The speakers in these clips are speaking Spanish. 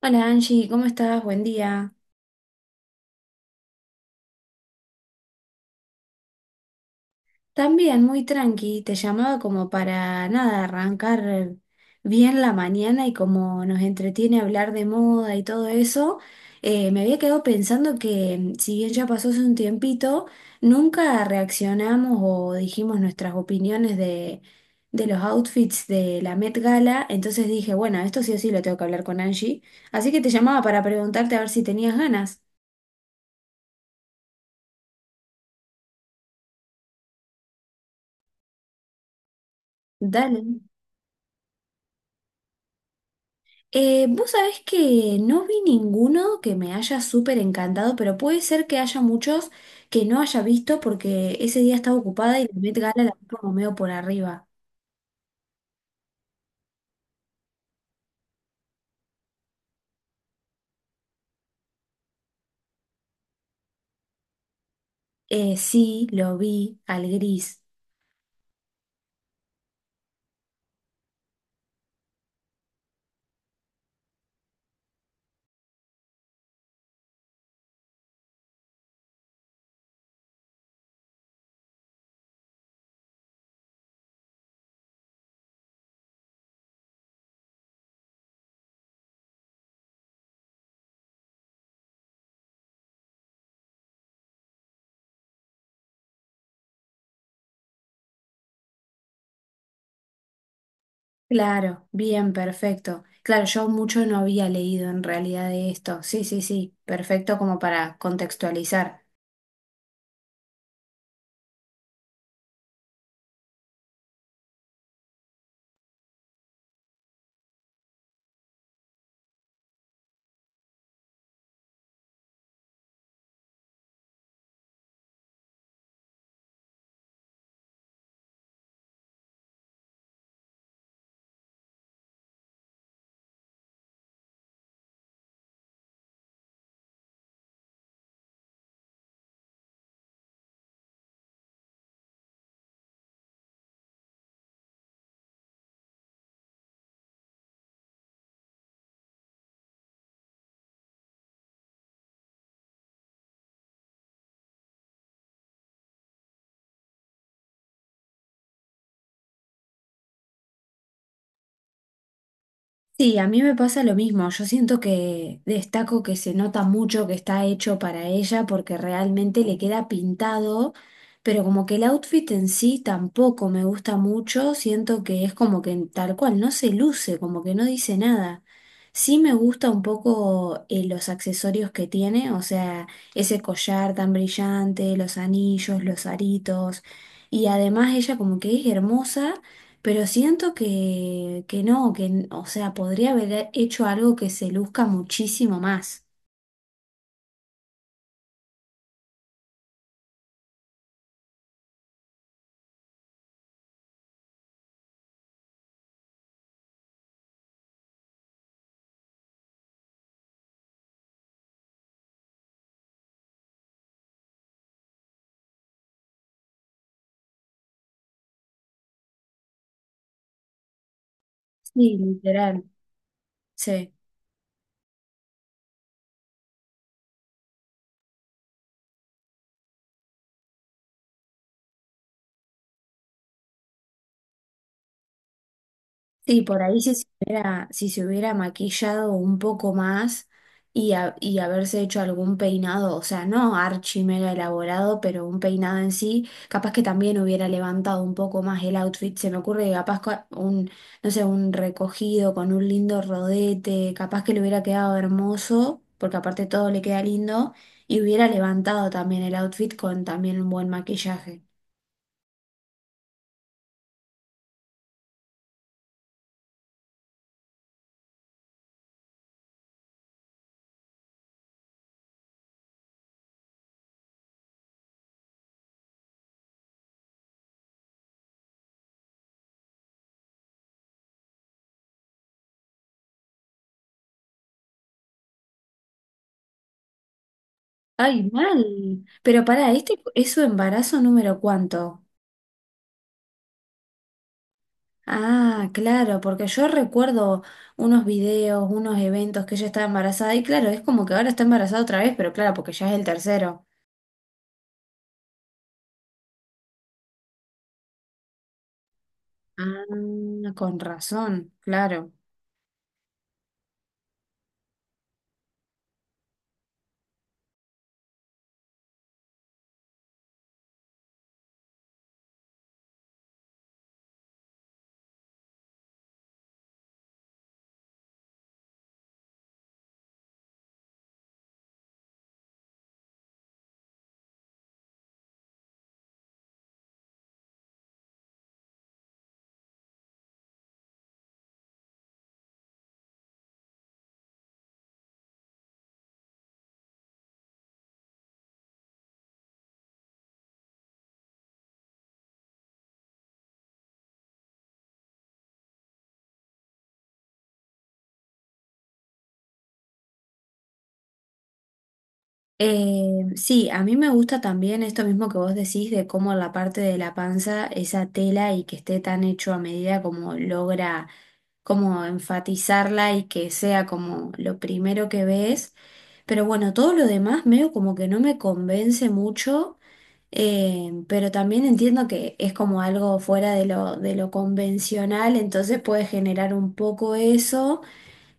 Hola Angie, ¿cómo estás? Buen día. También muy tranqui, te llamaba como para nada, arrancar bien la mañana y como nos entretiene hablar de moda y todo eso, me había quedado pensando que si bien ya pasó hace un tiempito, nunca reaccionamos o dijimos nuestras opiniones de los outfits de la Met Gala, entonces dije, bueno, esto sí o sí lo tengo que hablar con Angie, así que te llamaba para preguntarte a ver si tenías ganas. Dale. Vos sabés que no vi ninguno que me haya súper encantado, pero puede ser que haya muchos que no haya visto porque ese día estaba ocupada y la Met Gala la vi como medio por arriba. Sí, lo vi al gris. Claro, bien, perfecto. Claro, yo mucho no había leído en realidad de esto. Sí, sí, sí, perfecto como para contextualizar. Sí, a mí me pasa lo mismo. Yo siento que destaco que se nota mucho que está hecho para ella porque realmente le queda pintado, pero como que el outfit en sí tampoco me gusta mucho. Siento que es como que tal cual, no se luce, como que no dice nada. Sí me gusta un poco los accesorios que tiene, o sea, ese collar tan brillante, los anillos, los aritos, y además ella como que es hermosa. Pero siento que no, o sea, podría haber hecho algo que se luzca muchísimo más. Sí, literal. Sí. Sí, por ahí si se hubiera maquillado un poco más y, y haberse hecho algún peinado, o sea, no archi mega elaborado, pero un peinado en sí, capaz que también hubiera levantado un poco más el outfit. Se me ocurre que no sé, un recogido con un lindo rodete, capaz que le hubiera quedado hermoso, porque aparte todo le queda lindo, y hubiera levantado también el outfit con también un buen maquillaje. Ay, mal. Pero para este es su embarazo número cuánto. Ah, claro, porque yo recuerdo unos videos, unos eventos que ella estaba embarazada y claro, es como que ahora está embarazada otra vez, pero claro, porque ya es el tercero. Ah, con razón, claro. Sí, a mí me gusta también esto mismo que vos decís de cómo la parte de la panza, esa tela y que esté tan hecho a medida como logra como enfatizarla y que sea como lo primero que ves. Pero bueno, todo lo demás medio como que no me convence mucho. Pero también entiendo que es como algo fuera de lo convencional, entonces puede generar un poco eso.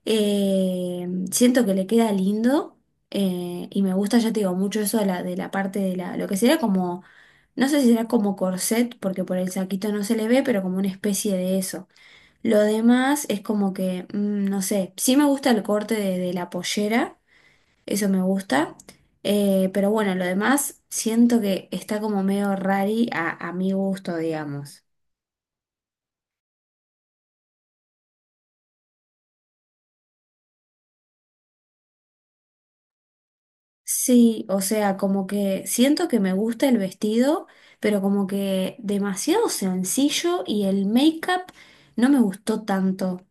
Siento que le queda lindo, y me gusta, ya te digo, mucho eso de la parte de la, lo que sería como, no sé si será como corset, porque por el saquito no se le ve, pero como una especie de eso. Lo demás es como que, no sé, sí me gusta el corte de la pollera. Eso me gusta. Pero bueno, lo demás siento que está como medio rari a mi gusto, digamos. Sí, o sea, como que siento que me gusta el vestido, pero como que demasiado sencillo y el make-up no me gustó tanto.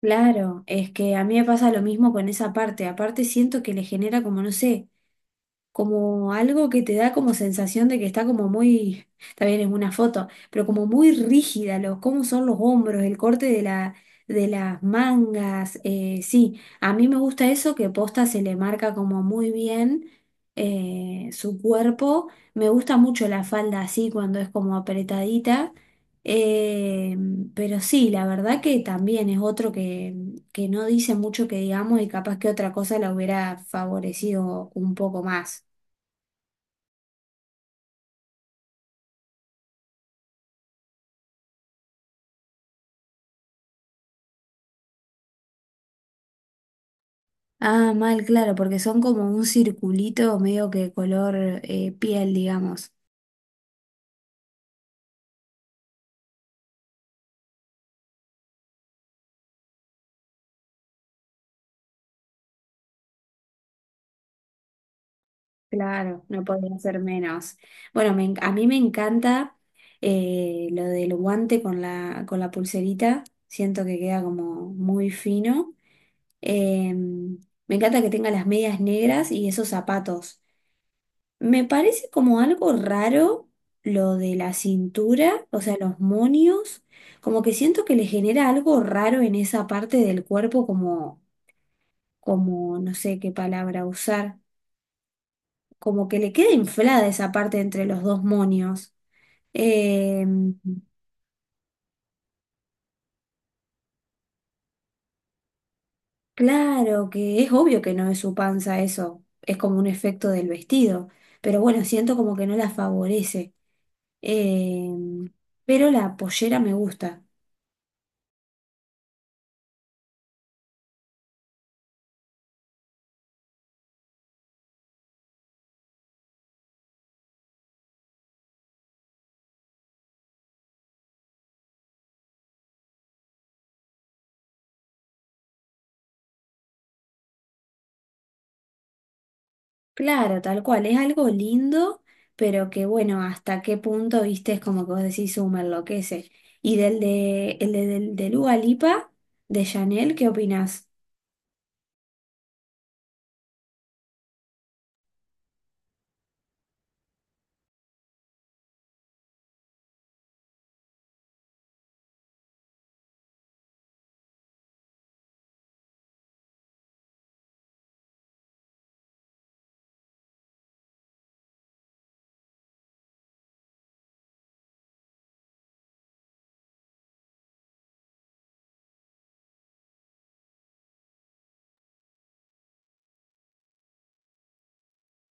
Claro, es que a mí me pasa lo mismo con esa parte. Aparte siento que le genera como, no sé. Como algo que te da como sensación de que está como muy, también es una foto, pero como muy rígida, los, cómo son los hombros, el corte de las mangas, sí, a mí me gusta eso que posta se le marca como muy bien, su cuerpo, me gusta mucho la falda así cuando es como apretadita. eh, pero sí, la verdad que también es otro que no dice mucho que digamos y capaz que otra cosa la hubiera favorecido un poco más. Ah, mal, claro, porque son como un circulito medio que color, piel, digamos. Claro, no podía ser menos. Bueno, a mí me encanta, lo del guante con la pulserita. Siento que queda como muy fino. Me encanta que tenga las medias negras y esos zapatos. Me parece como algo raro lo de la cintura, o sea, los monios. Como que siento que le genera algo raro en esa parte del cuerpo, como no sé qué palabra usar, como que le queda inflada esa parte entre los dos monios. Eh, claro que es obvio que no es su panza eso, es como un efecto del vestido, pero bueno, siento como que no la favorece. Eh, pero la pollera me gusta. Claro, tal cual, es algo lindo, pero que bueno, hasta qué punto, viste, es como que vos decís, me enloquece". Y del de, el de- del, de Dua Lipa, de Chanel, ¿qué opinás?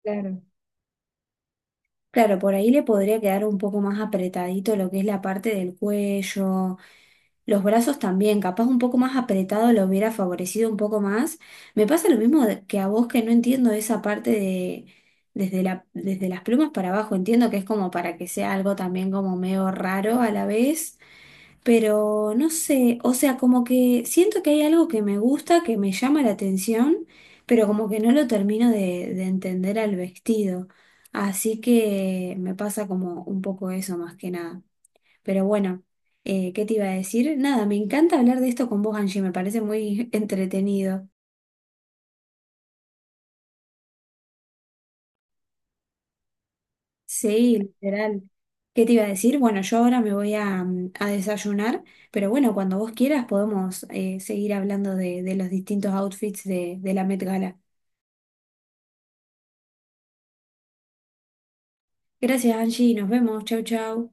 Claro. Claro, por ahí le podría quedar un poco más apretadito lo que es la parte del cuello, los brazos también, capaz un poco más apretado lo hubiera favorecido un poco más. Me pasa lo mismo que a vos, que no entiendo esa parte de desde las plumas para abajo, entiendo que es como para que sea algo también como medio raro a la vez. Pero no sé, o sea, como que siento que hay algo que me gusta, que me llama la atención, pero como que no lo termino de entender al vestido. Así que me pasa como un poco eso más que nada. Pero bueno, ¿qué te iba a decir? Nada, me encanta hablar de esto con vos, Angie, me parece muy entretenido. Sí, literal. ¿Qué te iba a decir? Bueno, yo ahora me voy a, a desayunar, pero bueno, cuando vos quieras podemos seguir hablando de los distintos outfits de la Met Gala. Gracias, Angie. Nos vemos. Chau, chau.